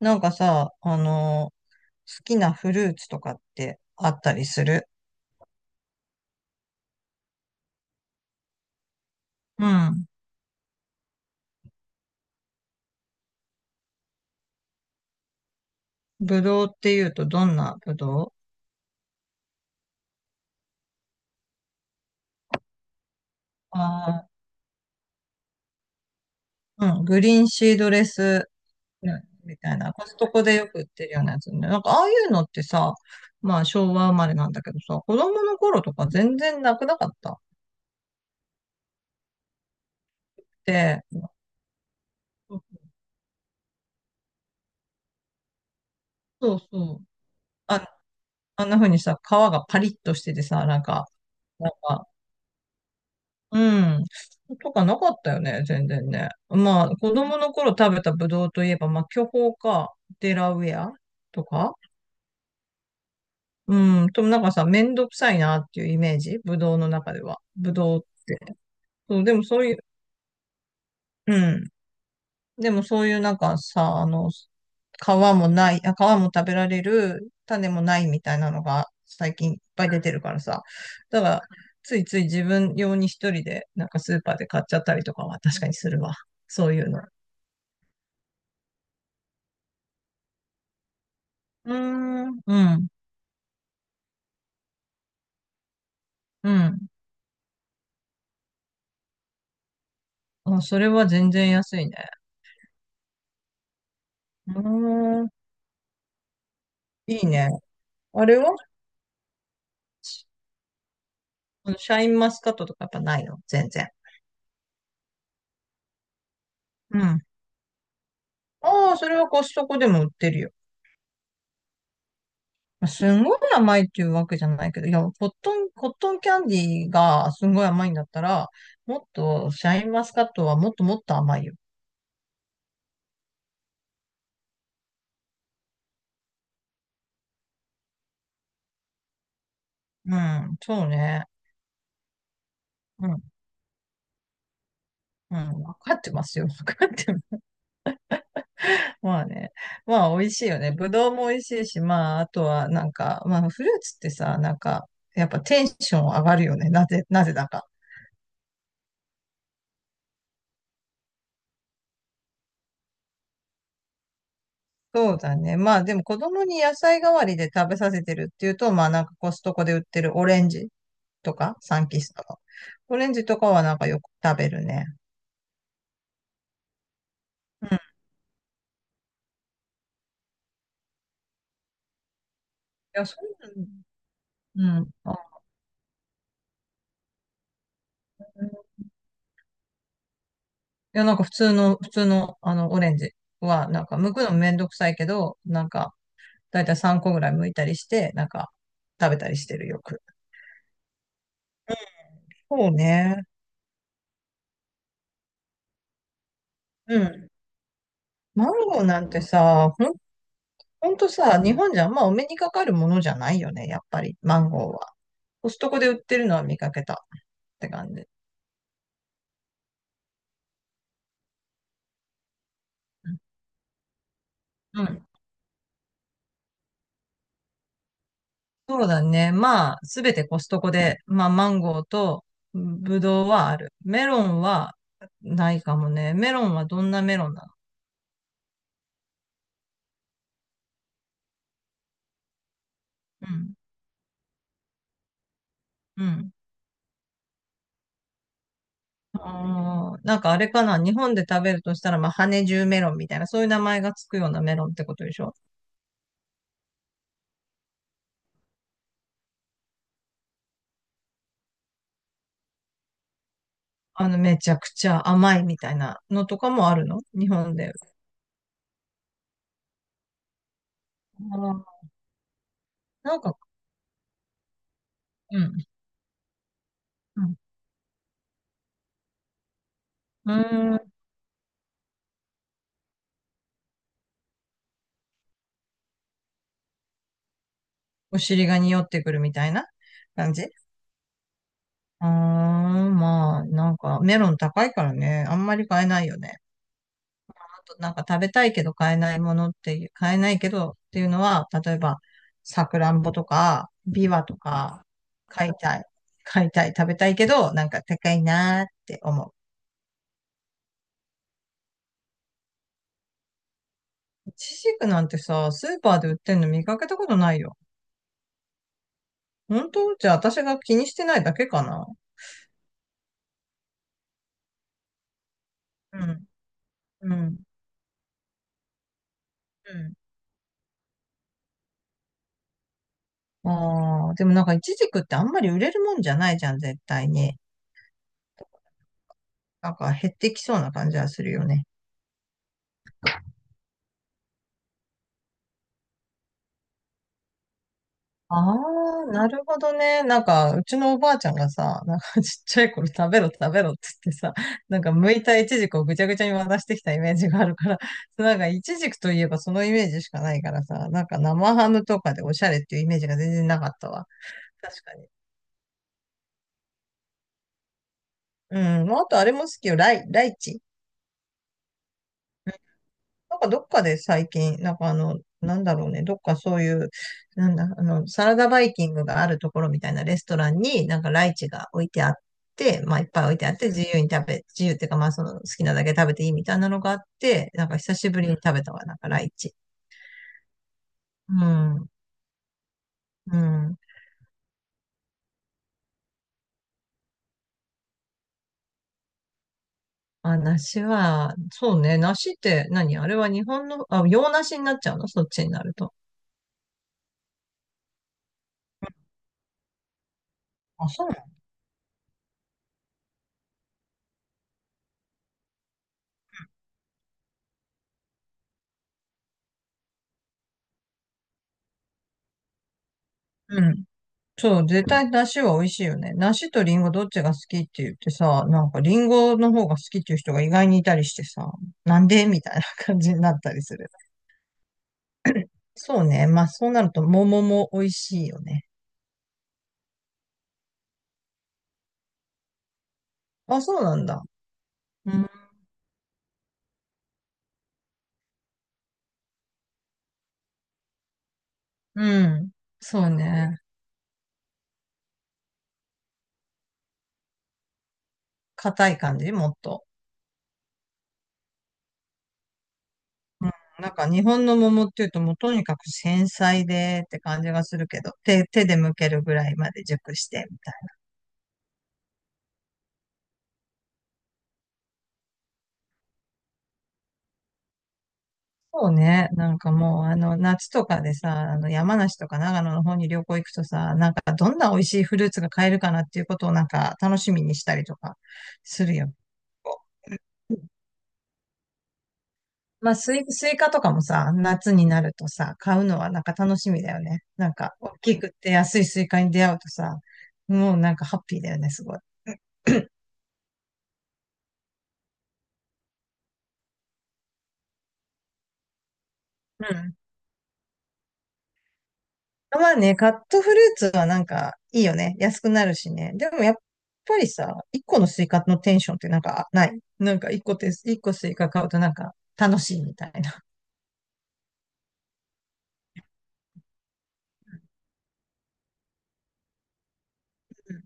なんかさ、好きなフルーツとかってあったりする？うん。ぶどうっていうとどんなぶどう？ああー、うん。グリーンシードレス、うんみたいな。コストコでよく売ってるようなやつね。なんかああいうのってさ、まあ昭和生まれなんだけどさ、子供の頃とか全然なくなかった？で、そうそう。あ、あんな風にさ、皮がパリッとしててさ、なんか、なんか、うん。とかなかったよね、全然ね。まあ、子供の頃食べたブドウといえば、まあ、巨峰か、デラウェアとか。うん。ともなんかさ、めんどくさいなっていうイメージ、ブドウの中では。ブドウって。そう、でもそういう、うん。でもそういうなんかさ、あの、皮もない、あ、皮も食べられる、種もないみたいなのが最近いっぱい出てるからさ。だから、ついつい自分用に一人で、なんかスーパーで買っちゃったりとかは確かにするわ。そういうの。うーん、うん、うん。あ、それは全然安いね。うーん、いいね。あれは？あのシャインマスカットとかやっぱないの全然？うん。ああ、それはコストコでも売ってるよ。まあすんごい甘いっていうわけじゃないけど、いや、コットンキャンディーがすんごい甘いんだったら、もっと、シャインマスカットはもっともっと甘いよ。うん、そうね。うん、うん、わかってますよ。わかって、まあね。まあ美味しいよね。ぶどうも美味しいし、まああとはなんか、まあフルーツってさ、なんか、やっぱテンション上がるよね。なぜだか。そうだね。まあでも子供に野菜代わりで食べさせてるっていうと、まあなんかコストコで売ってるオレンジとか、サンキストの。オレンジとかはなんかよく食べるね。うん。いや、そういうの、うん。あ、いや、なんか普通の、あの、オレンジは、なんか剥くのめんどくさいけど、なんか、だいたい3個ぐらい剥いたりして、なんか食べたりしてるよく。そうね。うん。マンゴーなんてさ、ほんとさ、日本じゃあんまお目にかかるものじゃないよね、やっぱり、マンゴーは。コストコで売ってるのは見かけたって感じ。うん。そうだね。まあ、すべてコストコで、まあ、マンゴーとブドウはある。メロンはないかもね。メロンはどんなメロンなの？うん。うん。あー、なんかあれかな、日本で食べるとしたら、まあ、羽十メロンみたいな、そういう名前がつくようなメロンってことでしょ？あの、めちゃくちゃ甘いみたいなのとかもあるの日本で？あー、なんか、うん、うん。うーん、お尻が匂ってくるみたいな感じ？あー、まあ、なんか、メロン高いからね、あんまり買えないよね。なんか食べたいけど買えないものっていう、買えないけどっていうのは、例えば、さくらんぼとか、ビワとか、買いたい、買いたい、食べたいけど、なんか高いなーって思う。イチジクなんてさ、スーパーで売ってんの見かけたことないよ。本当？じゃあ私が気にしてないだけかな。うん、うん、うん。ああ、でもなんかイチジクってあんまり売れるもんじゃないじゃん、絶対に。なんか減ってきそうな感じはするよね。ああ、なるほどね。なんか、うちのおばあちゃんがさ、なんかちっちゃい頃食べろ食べろって言ってさ、なんか剥いたイチジクをぐちゃぐちゃに渡してきたイメージがあるから、なんかイチジクといえばそのイメージしかないからさ、なんか生ハムとかでおしゃれっていうイメージが全然なかったわ。確かに。うん。まああとあれも好きよ。ライチ。なんかどっかで最近、なんかあの、なんだろうね、どっかそういう、なんだ、あの、サラダバイキングがあるところみたいなレストランになんかライチが置いてあって、まあいっぱい置いてあって自由に食べ、自由っていうかまあその好きなだけ食べていいみたいなのがあって、なんか久しぶりに食べたわ、なんかライチ。うん、うん。あ、梨は、そうね、梨って何？あれは日本の、あ、洋梨になっちゃうのそっちになると？あ、そうなの？そう、絶対梨は美味しいよね。梨とリンゴどっちが好きって言ってさ、なんかリンゴの方が好きっていう人が意外にいたりしてさ、なんでみたいな感じになったりする。そうね。まあそうなると桃も美味しいよね。あ、そうなんだ。うん。うん。そうね。硬い感じもっと。なんか日本の桃っていうともうとにかく繊細でって感じがするけど、手で剥けるぐらいまで熟してみたいな。そうね。なんかもう、あの、夏とかでさ、あの、山梨とか長野の方に旅行行くとさ、なんかどんな美味しいフルーツが買えるかなっていうことをなんか楽しみにしたりとかするよ。まあ、スイカとかもさ、夏になるとさ、買うのはなんか楽しみだよね。なんか、大きくて安いスイカに出会うとさ、もうなんかハッピーだよね、すごい。うん。まあね、カットフルーツはなんかいいよね。安くなるしね。でもやっぱりさ、一個のスイカのテンションってなんかない、なんか一個スイカ買うとなんか楽しいみたいな。うん、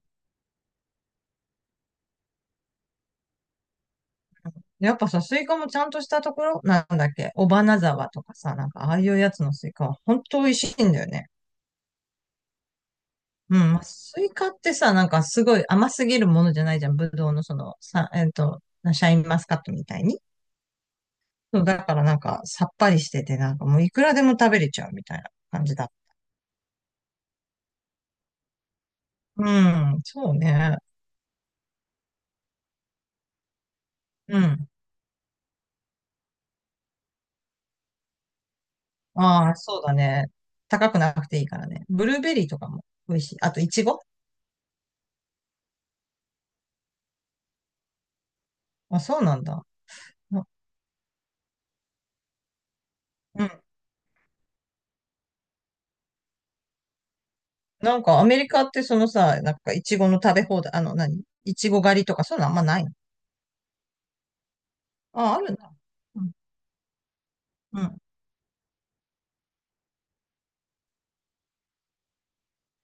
やっぱさ、スイカもちゃんとしたところ、なんだっけ、尾花沢とかさ、なんかああいうやつのスイカは本当美味しいんだよね。うん、まあスイカってさ、なんかすごい甘すぎるものじゃないじゃん。ぶどうのその、さ、シャインマスカットみたいに。そう、だからなんかさっぱりしてて、なんかもういくらでも食べれちゃうみたいな感じだ。うん、そうね。うん。ああ、そうだね。高くなくていいからね。ブルーベリーとかも美味しい。あと、イチゴ。あ、そうなんだ。な、うん。なんか、アメリカってそのさ、なんか、イチゴの食べ放題、あの、何イチゴ狩りとか、そういうのあんまないの？ああ、るんだ。うん。うん。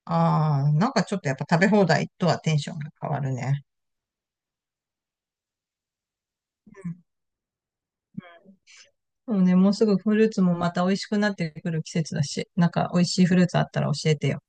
ああ、なんかちょっとやっぱ食べ放題とはテンションが変わるね。うん。そうね、もうすぐフルーツもまた美味しくなってくる季節だし、なんか美味しいフルーツあったら教えてよ。